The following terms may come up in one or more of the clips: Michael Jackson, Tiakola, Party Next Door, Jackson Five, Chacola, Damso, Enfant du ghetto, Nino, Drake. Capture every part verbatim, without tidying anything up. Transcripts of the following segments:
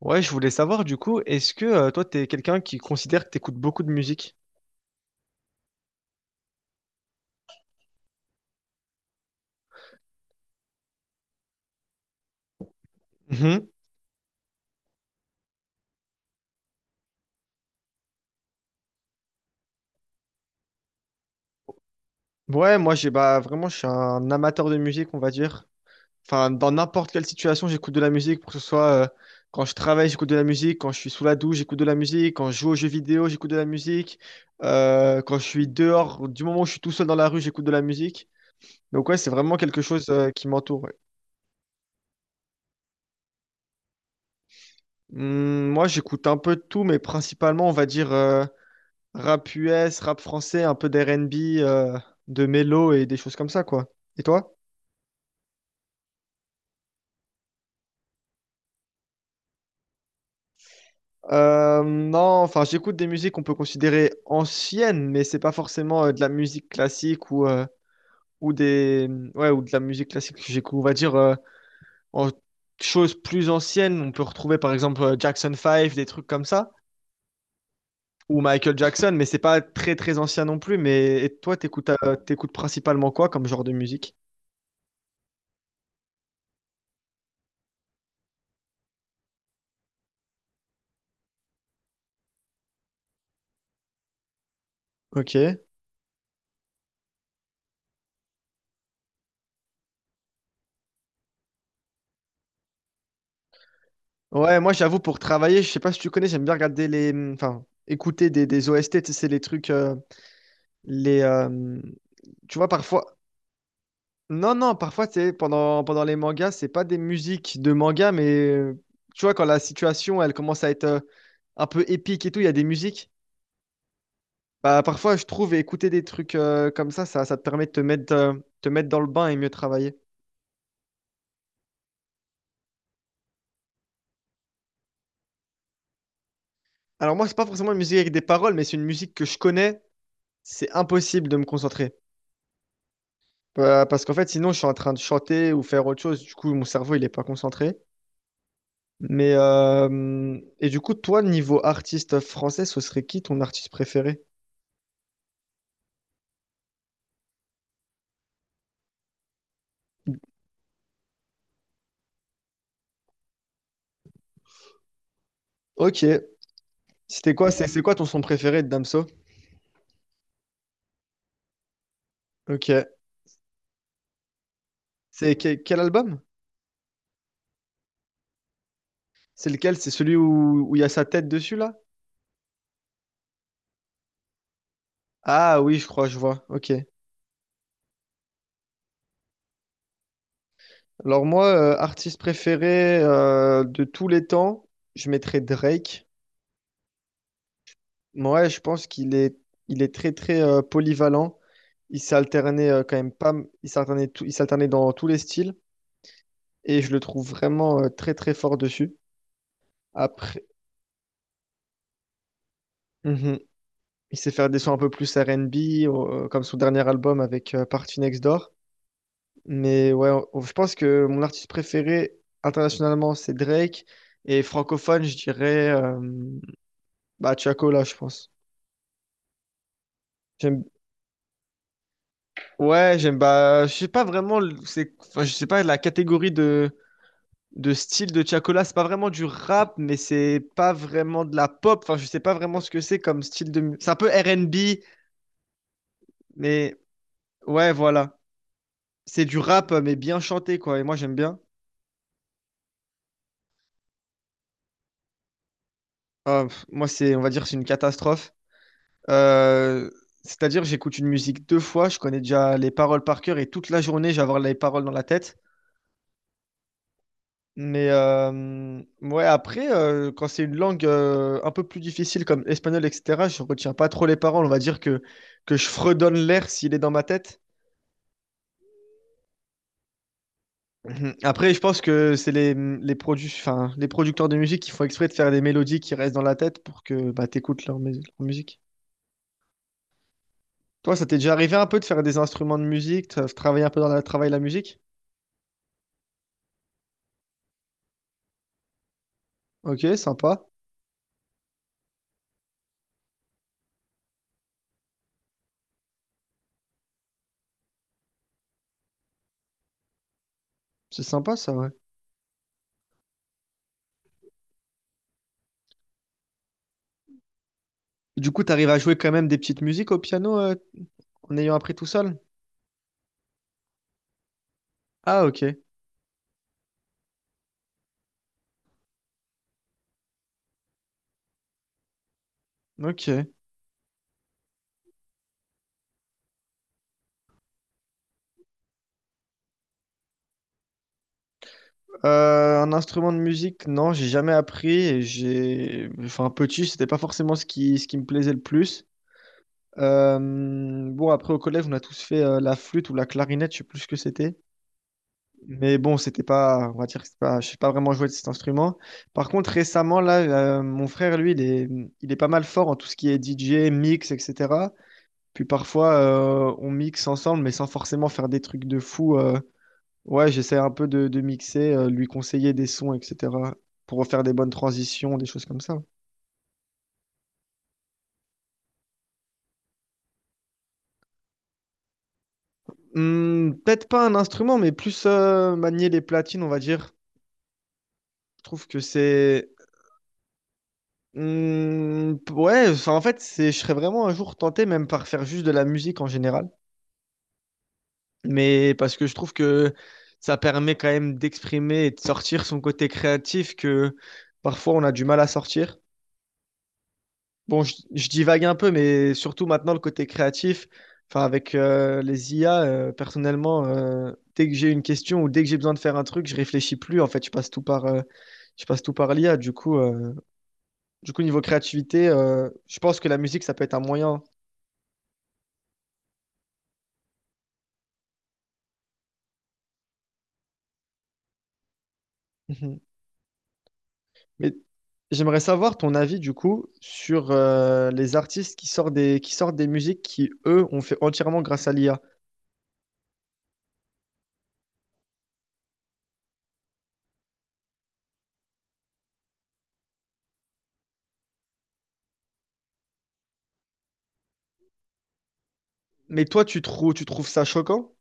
Ouais, je voulais savoir du coup, est-ce que euh, toi, t'es quelqu'un qui considère que t'écoutes beaucoup de musique? Mhm. Ouais, moi, j'ai bah vraiment, je suis un amateur de musique, on va dire. Enfin, dans n'importe quelle situation, j'écoute de la musique, pour que ce soit euh, quand je travaille, j'écoute de la musique, quand je suis sous la douche, j'écoute de la musique, quand je joue aux jeux vidéo, j'écoute de la musique, euh, quand je suis dehors, du moment où je suis tout seul dans la rue, j'écoute de la musique. Donc ouais, c'est vraiment quelque chose euh, qui m'entoure. Ouais. Hum, moi, j'écoute un peu de tout, mais principalement, on va dire. euh, Rap U S, rap français, un peu d'R and B, euh, de mélo et des choses comme ça, quoi. Et toi? Euh, non, enfin, j'écoute des musiques qu'on peut considérer anciennes, mais c'est pas forcément euh, de la musique classique ou, euh, ou des, ouais, ou de la musique classique. Que J'écoute, on va dire, euh, en choses plus anciennes. On peut retrouver, par exemple, euh, Jackson Five, des trucs comme ça, ou Michael Jackson, mais c'est pas très, très ancien non plus. Mais et toi, t'écoutes, euh, t'écoutes principalement quoi comme genre de musique? Ok. Ouais, moi j'avoue pour travailler, je sais pas si tu connais, j'aime bien regarder les, hum, enfin, écouter des, des O S T, tu sais, c'est les trucs, euh, les, euh, tu vois parfois, non non, parfois c'est pendant pendant les mangas, c'est pas des musiques de manga, mais euh, tu vois quand la situation elle commence à être euh, un peu épique et tout, il y a des musiques. Bah parfois je trouve écouter des trucs euh, comme ça, ça, ça te permet de te mettre euh, te mettre dans le bain et mieux travailler. Alors moi c'est pas forcément une musique avec des paroles, mais c'est une musique que je connais, c'est impossible de me concentrer. Bah, parce qu'en fait, sinon, je suis en train de chanter ou faire autre chose. Du coup, mon cerveau, il est pas concentré. Mais euh, et du coup, toi, niveau artiste français, ce serait qui ton artiste préféré? Ok. C'était quoi? C'est c'est quoi ton son préféré de Damso? Ok. C'est que- quel album? C'est lequel? C'est celui où où il y a sa tête dessus là? Ah oui, je crois, je vois. Ok. Alors moi, euh, artiste préféré euh, de tous les temps, je mettrais Drake. Ouais, je pense qu'il est, il est très très euh, polyvalent. Il s'est alterné euh, quand même pas, m- il s'alternait tout, il s'alternait dans tous les styles et je le trouve vraiment euh, très très fort dessus. Après, Mhm, il sait faire des sons un peu plus R and B euh, comme son dernier album avec euh, Party Next Door. Mais ouais, on- on- je pense que mon artiste préféré internationalement c'est Drake et francophone je dirais euh, bah Tiako là je pense. J'aime, ouais j'aime bah je sais pas vraiment le- c'est, enfin, je sais pas la catégorie de de style de Tiakola. C'est pas vraiment du rap, mais c'est pas vraiment de la pop. Enfin, je sais pas vraiment ce que c'est comme style de. mu- C'est un peu R and B, mais ouais, voilà. C'est du rap, mais bien chanté, quoi. Et moi, j'aime bien. Ah, pff, moi, c'est, on va dire, c'est une catastrophe. Euh, C'est-à-dire, j'écoute une musique deux fois, je connais déjà les paroles par cœur et toute la journée, j'ai avoir les paroles dans la tête. Mais euh, ouais, après, euh, quand c'est une langue euh, un peu plus difficile comme espagnol, et cetera, je retiens pas trop les paroles. On va dire que, que je fredonne l'air s'il est dans ma tête. Mhm. Après, je pense que c'est les, les, produ- enfin, les producteurs de musique qui font exprès de faire des mélodies qui restent dans la tête pour que bah, tu écoutes leur, mu- leur musique. Toi, ça t'est déjà arrivé un peu de faire des instruments de musique, de travailler un peu dans le travail la musique? Ok, sympa. C'est sympa ça, ouais. Du coup, t'arrives à jouer quand même des petites musiques au piano euh, en ayant appris tout seul? Ah, ok. Ok. Euh, un instrument de musique, non, j'ai jamais appris. et J'ai, enfin, petit, c'était pas forcément ce qui, ce qui me plaisait le plus. Euh, bon, Après au collège, on a tous fait euh, la flûte ou la clarinette, je sais plus ce que c'était. Mais bon, c'était pas, on va dire, que c'est pas, je sais pas vraiment jouer de cet instrument. Par contre, récemment, là, euh, mon frère, lui, il est, il est pas mal fort en tout ce qui est D J, mix, et cetera. Puis parfois, euh, on mixe ensemble, mais sans forcément faire des trucs de fou. euh, Ouais, j'essaie un peu de, de mixer, euh, lui conseiller des sons, et cetera, pour faire des bonnes transitions, des choses comme ça. Hmm, peut-être pas un instrument, mais plus euh, manier les platines, on va dire. Je trouve que c'est... Hmm, ouais, enfin, en fait, c'est, je serais vraiment un jour tenté même par faire juste de la musique en général. Mais parce que je trouve que ça permet quand même d'exprimer et de sortir son côté créatif que parfois on a du mal à sortir. Bon, je, je divague un peu, mais surtout maintenant, le côté créatif, enfin, avec euh, les I A, euh, personnellement, euh, dès que j'ai une question ou dès que j'ai besoin de faire un truc, je réfléchis plus. En fait, je passe tout par, euh, je passe tout par l'I A. Du coup, euh, du coup, niveau créativité, euh, je pense que la musique, ça peut être un moyen. Mhm. Mais j'aimerais savoir ton avis, du coup, sur euh, les artistes qui sortent des, qui sortent des musiques qui, eux, ont fait entièrement grâce à l'I A. Mais toi, tu trouves, tu trouves ça choquant?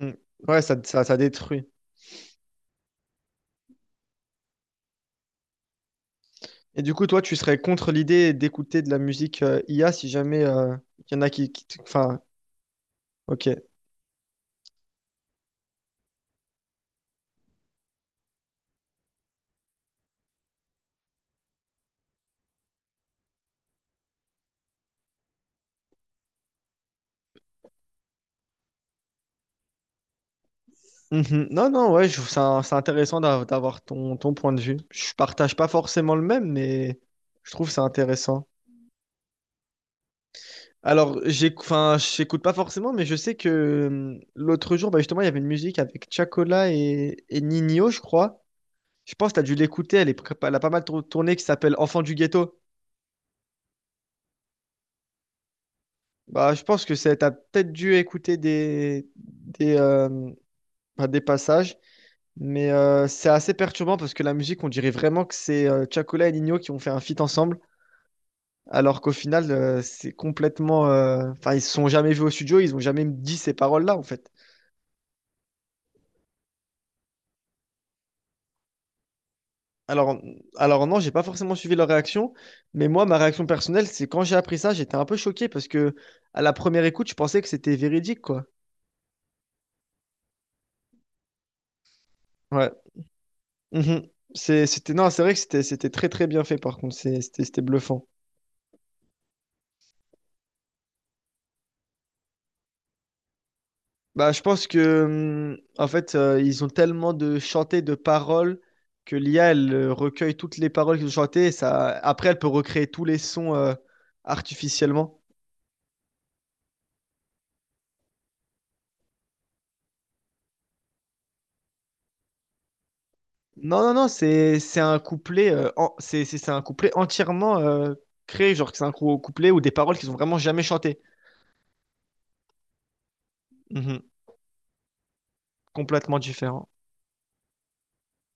Mm. Ouais, ça, ça, ça détruit. Et du coup, toi, tu serais contre l'idée d'écouter de la musique euh, I A si jamais euh, il y en a qui... qui- Enfin, ok. Mhm. Non, non, ouais, je trouve ça, c'est intéressant d'a- d'avoir ton, ton point de vue. Je partage pas forcément le même, mais je trouve ça intéressant. Alors, j'ai, enfin, j'écoute pas forcément, mais je sais que euh, l'autre jour, bah, justement, il y avait une musique avec Chacola et, et Nino, je crois. Je pense que tu as dû l'écouter, elle est, pré- elle a pas mal tour- tourné, qui s'appelle Enfant du ghetto. Bah, je pense que tu as peut-être dû écouter des, des, euh, pas des passages, mais euh, c'est assez perturbant parce que la musique, on dirait vraiment que c'est euh, Chacola et Nino qui ont fait un feat ensemble, alors qu'au final, euh, c'est complètement. euh, Enfin, ils se sont jamais vus au studio, ils ont jamais dit ces paroles-là, en fait. Alors, alors non, j'ai pas forcément suivi leur réaction, mais moi, ma réaction personnelle, c'est quand j'ai appris ça, j'étais un peu choqué parce que à la première écoute, je pensais que c'était véridique, quoi. Ouais. Mhm. C'est- C'était non, c'est vrai que c'était c'était très très bien fait par contre. C'est- c'était c'était bluffant. Bah, je pense que hum, en fait euh, ils ont tellement de chantés de paroles que l'I A elle euh, recueille toutes les paroles qu'ils ont chantées et ça après elle peut recréer tous les sons euh, artificiellement. Non non non, C'est c'est un couplet euh, en- c'est c'est c'est un couplet entièrement euh, créé, genre que c'est un cou- couplet ou des paroles qu'ils ont vraiment jamais chantées. Mhm. Complètement différent.